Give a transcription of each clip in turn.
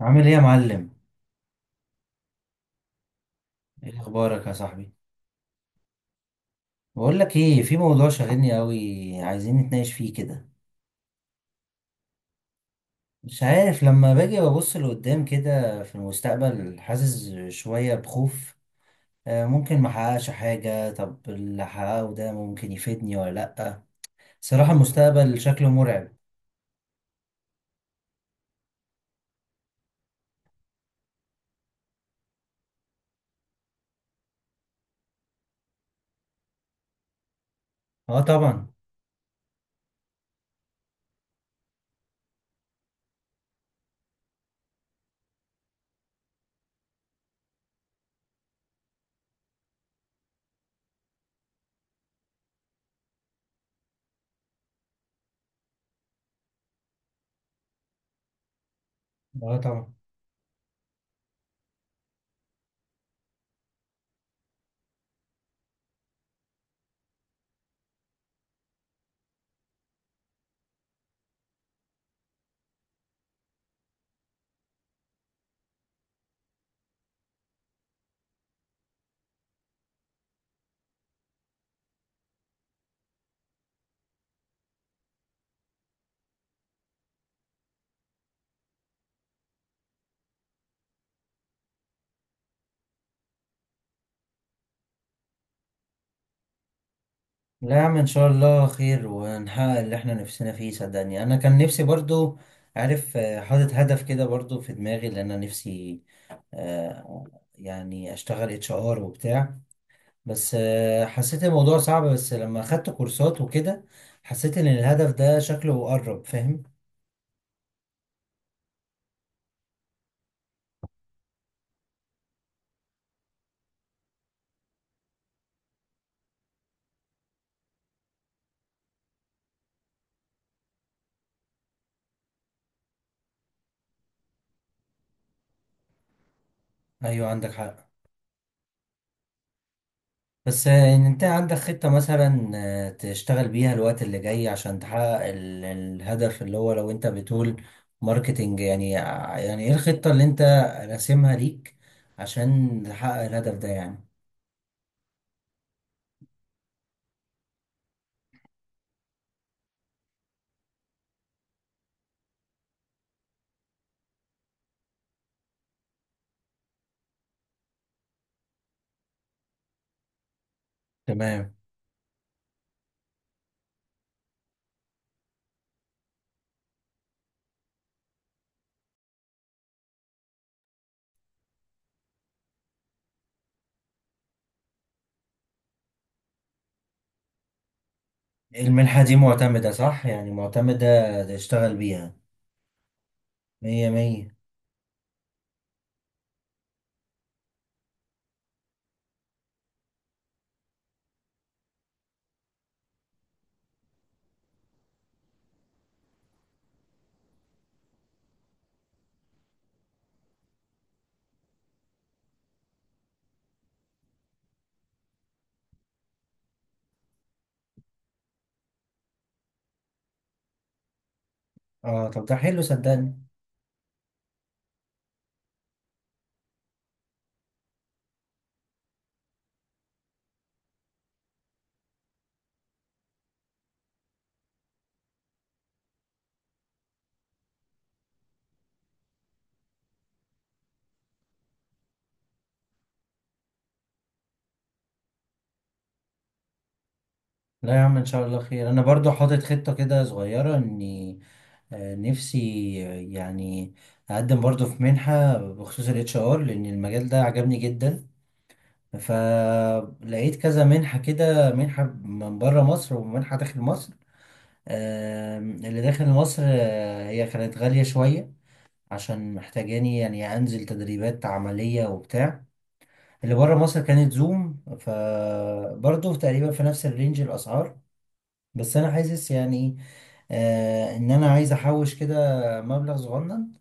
عامل ايه يا معلم؟ ايه اخبارك يا صاحبي؟ بقول لك ايه، في موضوع شاغلني قوي، عايزين نتناقش فيه كده. مش عارف، لما باجي ببص لقدام كده في المستقبل حاسس شوية بخوف. ممكن ما احققش حاجة، طب اللي احققه ده ممكن يفيدني ولا لأ. صراحة المستقبل شكله مرعب. اه طبعا. اه طبعا. لا يا عم ان شاء الله خير ونحقق اللي احنا نفسنا فيه. صدقني انا كان نفسي برضو، عارف، حاطط هدف كده برضو في دماغي، لان انا نفسي، آه، يعني اشتغل اتش ار وبتاع. بس حسيت الموضوع صعب، بس لما اخدت كورسات وكده حسيت ان الهدف ده شكله قرب، فاهم. ايوه عندك حق. بس ان انت عندك خطة مثلا، تشتغل بيها الوقت اللي جاي عشان تحقق الهدف. اللي هو لو انت بتقول ماركتينج يعني، يعني ايه الخطة اللي انت راسمها ليك عشان تحقق الهدف ده يعني؟ تمام. المنحة دي معتمدة صح؟ يعني معتمدة تشتغل بيها؟ مية مية. اه طب ده حلو صدقني. لا يا عم ان شاء الله خير. انا برضو حاطط خطة كده صغيرة، اني نفسي، يعني اقدم برضو في منحة بخصوص الاتش ار، لان المجال ده عجبني جدا. فلقيت كذا منحة كده، منحة من بره مصر ومنحة داخل مصر. آم، اللي داخل مصر هي كانت غالية شوية، عشان محتاجاني يعني انزل تدريبات عملية وبتاع. اللي بره مصر كانت زوم، فبرضو تقريبا في نفس الرينج الاسعار. بس انا حاسس يعني، آه، ان انا عايز احوش كده مبلغ صغنن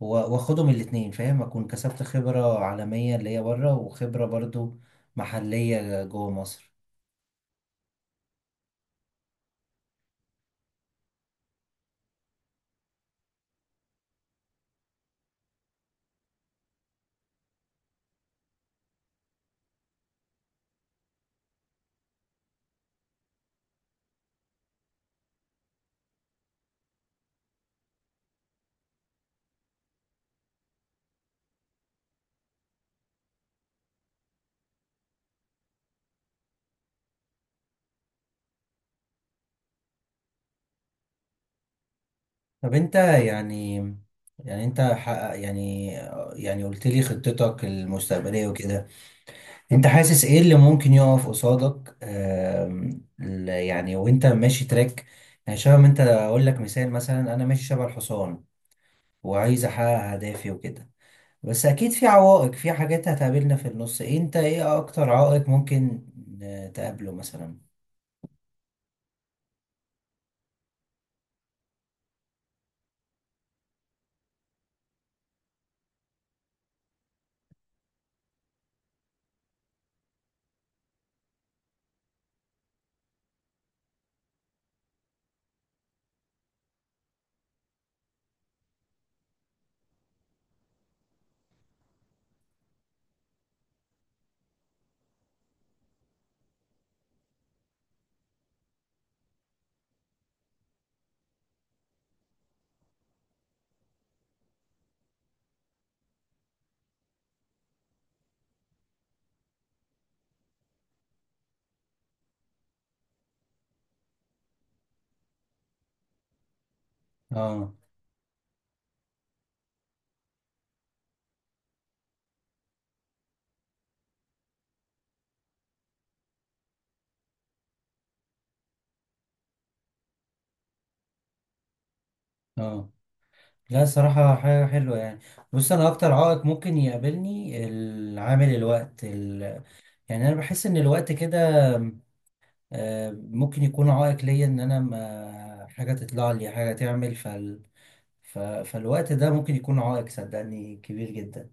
و- واخدهم الاتنين، فاهم، اكون كسبت خبرة عالمية اللي هي بره، وخبرة برضو محلية جوه مصر. طب انت يعني، يعني انت حقق يعني يعني قلت لي خطتك المستقبلية وكده، انت حاسس ايه اللي ممكن يقف قصادك؟ آم، يعني وانت ماشي تراك، يعني شبه، ما انت اقول لك مثال، مثلا انا ماشي شبه الحصان وعايز احقق اهدافي وكده، بس اكيد في عوائق، في حاجات هتقابلنا في النص. انت ايه اكتر عائق ممكن تقابله مثلا؟ اه. اه. لا صراحة حاجة حلوة يعني. بص، انا اكتر عائق ممكن يقابلني العامل الوقت يعني انا بحس ان الوقت كده ممكن يكون عائق ليا، ان انا ما حاجة تطلع لي حاجة تعمل فالوقت ده ممكن يكون عائق صدقني كبير جدا.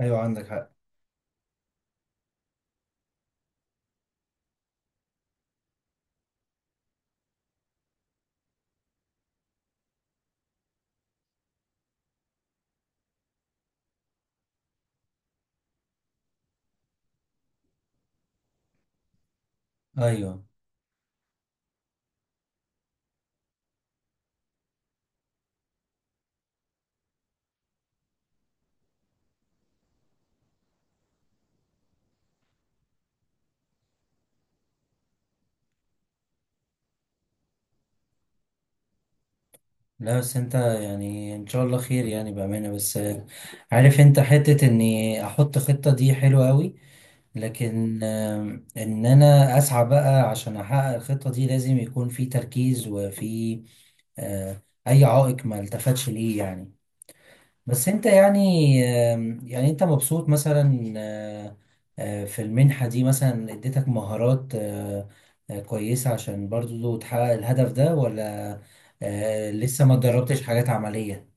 ايوه عندك حق. ايوه. لا بس انت يعني ان شاء الله خير يعني، بأمانة، بس عارف انت حتة اني احط خطة دي حلوة قوي، لكن آم، ان انا اسعى بقى عشان احقق الخطة دي لازم يكون في تركيز وفي آه، اي عائق ما التفتش ليه يعني. بس انت يعني، آم، يعني انت مبسوط مثلا في المنحة دي مثلا اديتك مهارات كويسة عشان برضو تحقق الهدف ده، ولا لسه ما جربتش حاجات عملية؟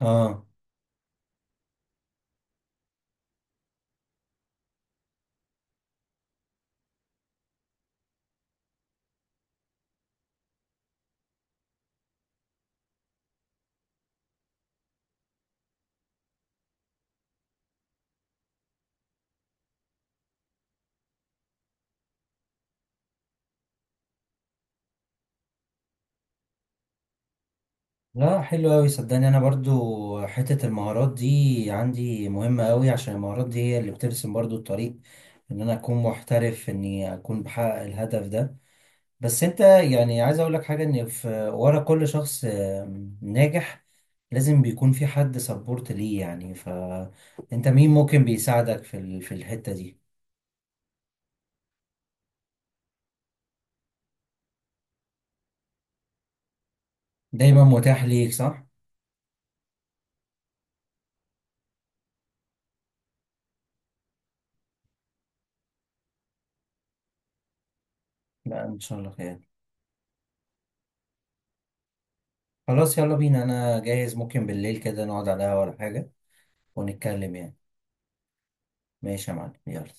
اه. لا حلو قوي صدقني. انا برضو حتة المهارات دي عندي مهمة قوي، عشان المهارات دي هي اللي بترسم برضو الطريق ان انا اكون محترف، اني اكون بحقق الهدف ده. بس انت يعني، عايز اقول لك حاجة، ان في ورا كل شخص آم، ناجح لازم بيكون في حد سبورت ليه يعني، فانت مين ممكن بيساعدك في في الحتة دي؟ دايما متاح ليك صح؟ لا ان شاء الله خير. خلاص يلا بينا، انا جاهز، ممكن بالليل كده نقعد على القهوة ولا حاجة ونتكلم يعني. ماشي يا معلم، يلا.